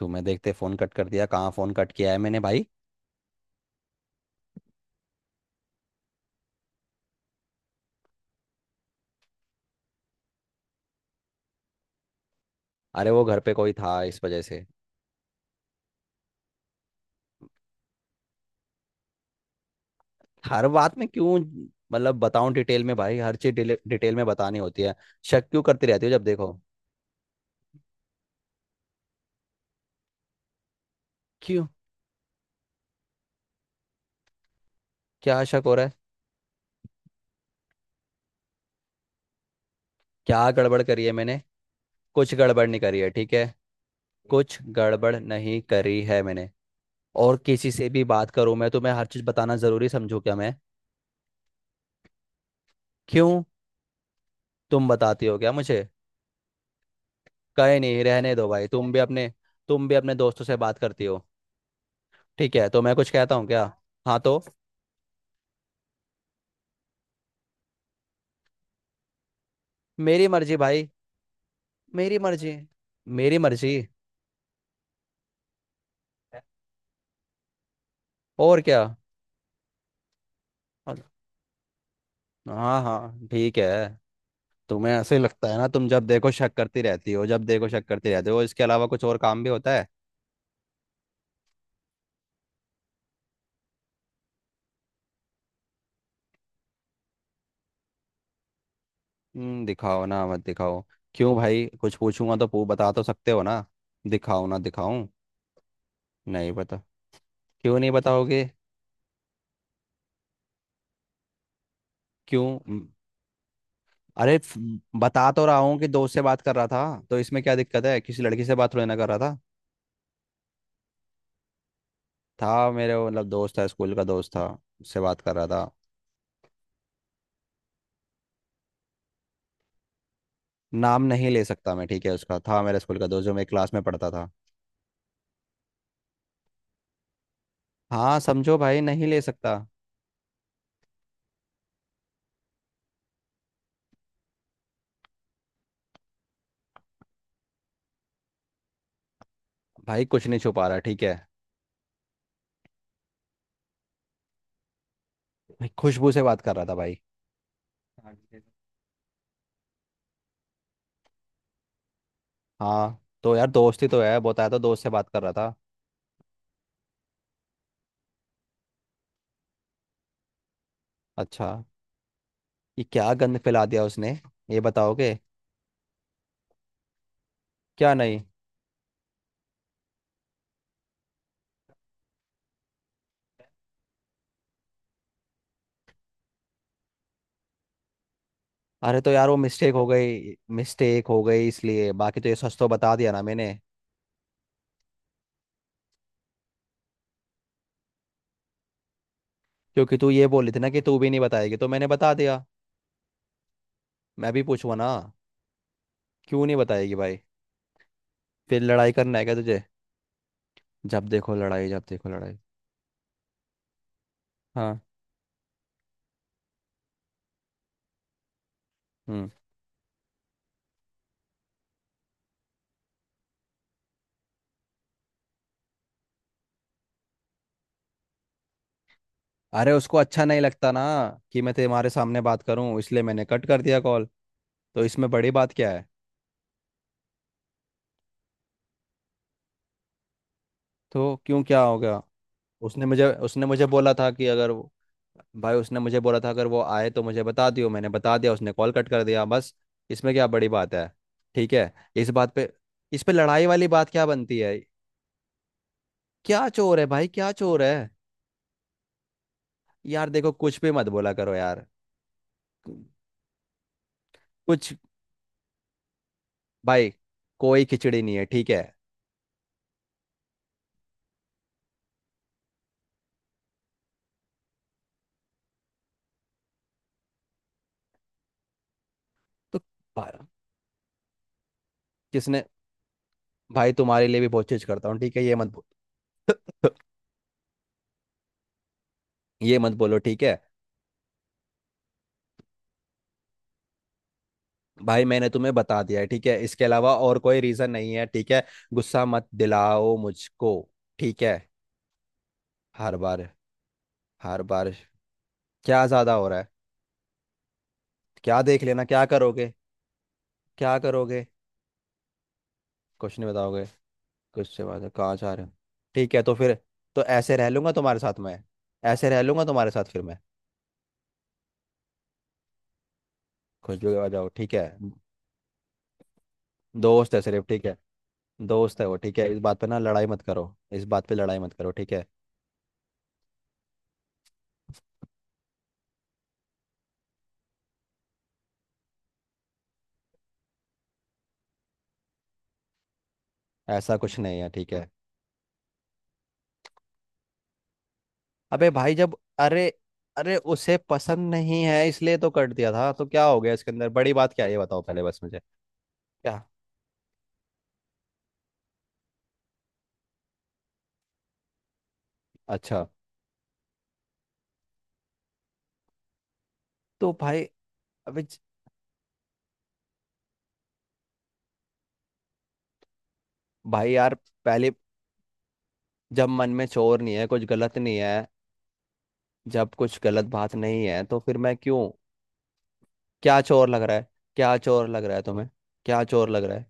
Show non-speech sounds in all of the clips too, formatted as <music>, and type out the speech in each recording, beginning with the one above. तुम्हें देखते phone cut कर दिया? कहाँ फोन कट किया है मैंने भाई। अरे वो घर पे कोई था इस वजह से। हर बात में क्यों? मतलब बताऊं डिटेल में भाई, हर चीज डिटेल में बतानी होती है। शक क्यों करती रहती हो, जब देखो। क्यों? क्या शक हो रहा है? क्या गड़बड़ करी है मैंने? कुछ गड़बड़ नहीं करी है, ठीक है। कुछ गड़बड़ नहीं करी है मैंने। और किसी से भी बात करूं मैं, तो मैं हर चीज बताना जरूरी समझू क्या मैं? क्यों, तुम बताती हो क्या मुझे? कहे नहीं, रहने दो भाई, तुम भी अपने, तुम भी अपने दोस्तों से बात करती हो। ठीक है, तो मैं कुछ कहता हूँ क्या? हाँ तो, मेरी मर्जी भाई। मेरी मर्जी। मेरी मर्जी। और क्या। हाँ हाँ, ठीक है। तुम्हें ऐसे ही लगता है ना, तुम जब देखो शक करती रहती हो, जब देखो शक करती रहती हो, इसके अलावा कुछ और काम भी होता है? दिखाओ ना मत दिखाओ। क्यों भाई, कुछ पूछूंगा तो पू, बता तो सकते हो ना? दिखाओ ना दिखाऊं। नहीं पता। क्यों नहीं बताओगे? क्यों? अरे फ- बता तो रहा हूँ कि दोस्त से बात कर रहा था, तो इसमें क्या दिक्कत है? किसी लड़की से बात थोड़ी ना कर रहा था। था मेरे वो, मतलब दोस्त था, स्कूल का दोस्त था। उससे बात कर रहा था। नाम नहीं ले सकता मैं, ठीक है, उसका। था मेरे स्कूल का दोस्त, जो मेरी क्लास में पढ़ता था। हाँ समझो भाई, नहीं ले सकता। भाई कुछ नहीं छुपा रहा, ठीक है। भाई खुशबू से बात कर रहा था भाई। हाँ तो यार, दोस्ती तो है, बताया तो, दोस्त से बात कर रहा था। अच्छा। ये क्या गंद फैला दिया उसने? ये बताओगे? क्या नहीं? अरे तो यार वो मिस्टेक हो गई। मिस्टेक हो गई इसलिए, बाकी तो ये सच तो बता दिया ना मैंने। क्योंकि तू ये बोली थी ना कि तू भी नहीं बताएगी, तो मैंने बता दिया। मैं भी पूछूंगा ना। क्यों नहीं बताएगी भाई? फिर लड़ाई करना है क्या तुझे? जब देखो लड़ाई, जब देखो लड़ाई। हाँ। हम्म। अरे उसको अच्छा नहीं लगता ना कि मैं तुम्हारे सामने बात करूं, इसलिए मैंने कट कर दिया कॉल। तो इसमें बड़ी बात क्या है? तो क्यों, क्या हो गया? उसने मुझे बोला था कि अगर वो- भाई उसने मुझे बोला था, अगर वो आए तो मुझे बता दियो। मैंने बता दिया, उसने कॉल कट कर दिया, बस। इसमें क्या बड़ी बात है? ठीक है, इस बात पे, इस पे लड़ाई वाली बात क्या बनती है? क्या चोर है भाई, क्या चोर है? यार देखो, कुछ भी मत बोला करो यार। कुछ, भाई, कोई खिचड़ी नहीं है, ठीक है। तो भा- किसने? भाई तुम्हारे लिए भी बहुत चीज करता हूँ, ठीक है, ये मत बोलो। <laughs> ये मत बोलो, ठीक है। भाई मैंने तुम्हें बता दिया है, ठीक है, इसके अलावा और कोई रीजन नहीं है, ठीक है। गुस्सा मत दिलाओ मुझको। ठीक है। हर बार, हर बार, क्या ज्यादा हो रहा है? क्या देख लेना, क्या करोगे? क्या करोगे? कुछ नहीं बताओगे? कुछ से बात है, कहाँ जा रहे हो। ठीक है तो फिर, तो ऐसे रह लूंगा तुम्हारे साथ मैं। ऐसे रह लूंगा तुम्हारे साथ फिर मैं। खुश भी हो जाओ, ठीक है। दोस्त है सिर्फ, ठीक है। दोस्त है वो, ठीक है, इस बात पे ना लड़ाई मत करो। इस बात पे लड़ाई मत करो, ठीक है। ऐसा कुछ नहीं है, ठीक है। अबे भाई जब अरे अरे उसे पसंद नहीं है इसलिए तो कट दिया था, तो क्या हो गया? इसके अंदर बड़ी बात क्या है, ये बताओ पहले बस मुझे। क्या? अच्छा। तो भाई अबे ज- भाई यार, पहले। जब मन में चोर नहीं है, कुछ गलत नहीं है। जब कुछ गलत बात नहीं है, तो फिर मैं क्यों? क्या चोर लग रहा है? क्या चोर लग रहा है तुम्हें? क्या चोर लग रहा है?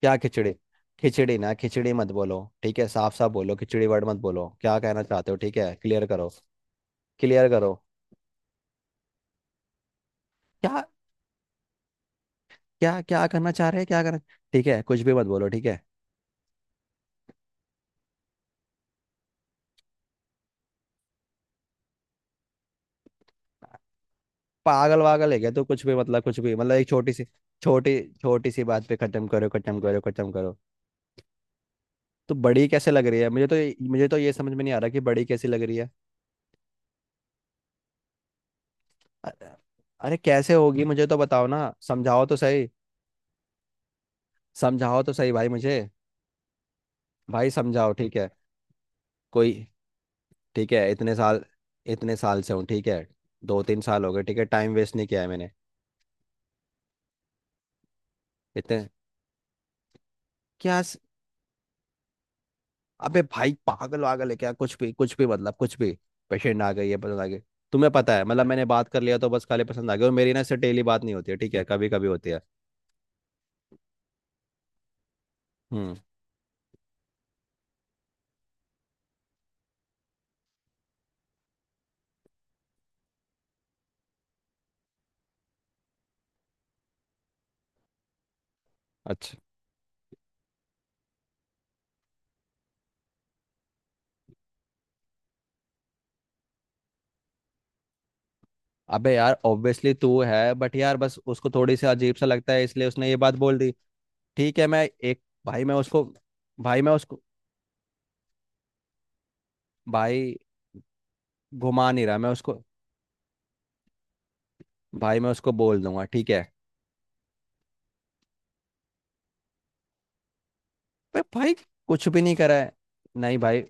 क्या खिचड़ी? खिचड़ी ना, खिचड़ी मत बोलो, ठीक है। साफ साफ बोलो, खिचड़ी वर्ड मत बोलो, क्या कहना चाहते हो, ठीक है, क्लियर करो। क्लियर करो। क्या? क्या क्या करना चाह रहे हैं, क्या करना? ठीक है, कुछ भी मत बोलो, ठीक है। पागल वागल है क्या तो, कुछ भी मतलब, कुछ भी मतलब, एक छोटी सी, छोटी छोटी सी बात पे खत्म करो, खत्म करो, खत्म करो। तो बड़ी कैसे लग रही है मुझे, तो मुझे तो ये समझ में नहीं आ रहा कि बड़ी कैसी लग रही है। अ- अरे कैसे होगी, मुझे तो बताओ ना, समझाओ तो सही। समझाओ तो सही भाई मुझे। भाई समझाओ, ठीक है। कोई, ठीक है, इतने साल, इतने साल से हूँ, ठीक है। दो तीन साल हो गए, ठीक है, टाइम वेस्ट नहीं किया है मैंने। इतने, क्या स- अबे भाई, पागल वागल है क्या? कुछ भी, कुछ भी मतलब, कुछ भी। पेशेंट आ गई, ये पसंद आ गई। तुम्हें पता है मतलब, मैंने बात कर लिया तो बस खाली पसंद आ गई? और मेरी ना इससे डेली बात नहीं होती है, ठीक है, कभी कभी होती है। हम्म। अच्छा। अबे यार, ऑब्वियसली तू है, बट यार बस उसको थोड़ी सी अजीब सा लगता है, इसलिए उसने ये बात बोल दी। ठीक है, मैं एक भाई, मैं उसको। भाई भाई घुमा नहीं रहा। मैं उसको, भाई, मैं उसको बोल दूंगा, ठीक है। बे भाई, कुछ भी नहीं करा है। नहीं भाई,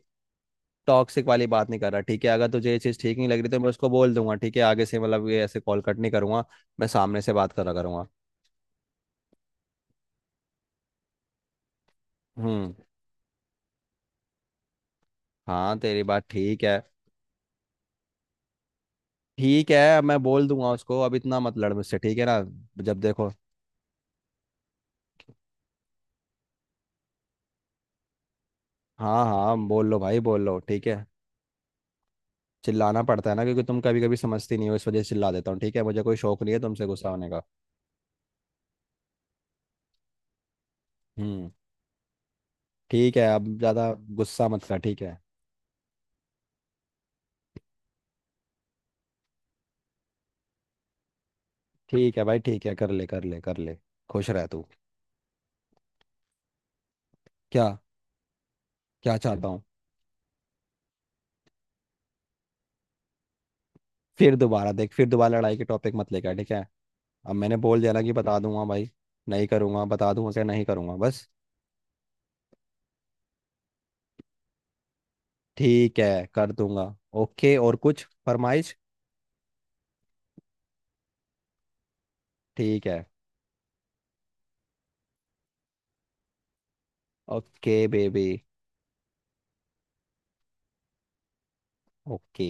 टॉक्सिक वाली बात नहीं कर रहा, ठीक है। अगर तुझे ये चीज़ ठीक नहीं लग रही, तो मैं उसको बोल दूंगा, ठीक है। आगे से मतलब ये ऐसे कॉल कट नहीं करूंगा। मैं सामने से बात करा करूंगा। हम्म। हाँ तेरी बात ठीक है। ठीक है अब मैं बोल दूंगा उसको, अब इतना मत लड़ मुझसे, ठीक है ना। जब देखो, हाँ हाँ, बोल लो भाई, बोल लो, ठीक है। चिल्लाना पड़ता है ना, क्योंकि तुम कभी कभी समझती नहीं हो, इस वजह से चिल्ला देता हूँ, ठीक है, मुझे कोई शौक नहीं है तुमसे गुस्सा होने का। हम्म। ठीक है, अब ज़्यादा गुस्सा मत कर, ठीक है। ठीक है भाई, ठीक है, कर ले, कर ले, कर ले। खुश रह तू। क्या? क्या चाहता हूँ? फिर दोबारा देख, फिर दोबारा लड़ाई के टॉपिक मत लेकर, ठीक है। अब मैंने बोल दिया ना कि बता दूंगा भाई। नहीं करूंगा, बता दूंगा, क्या नहीं करूंगा, बस। ठीक है, कर दूंगा। ओके, और कुछ फरमाइश? ठीक है। Okay baby. ओके।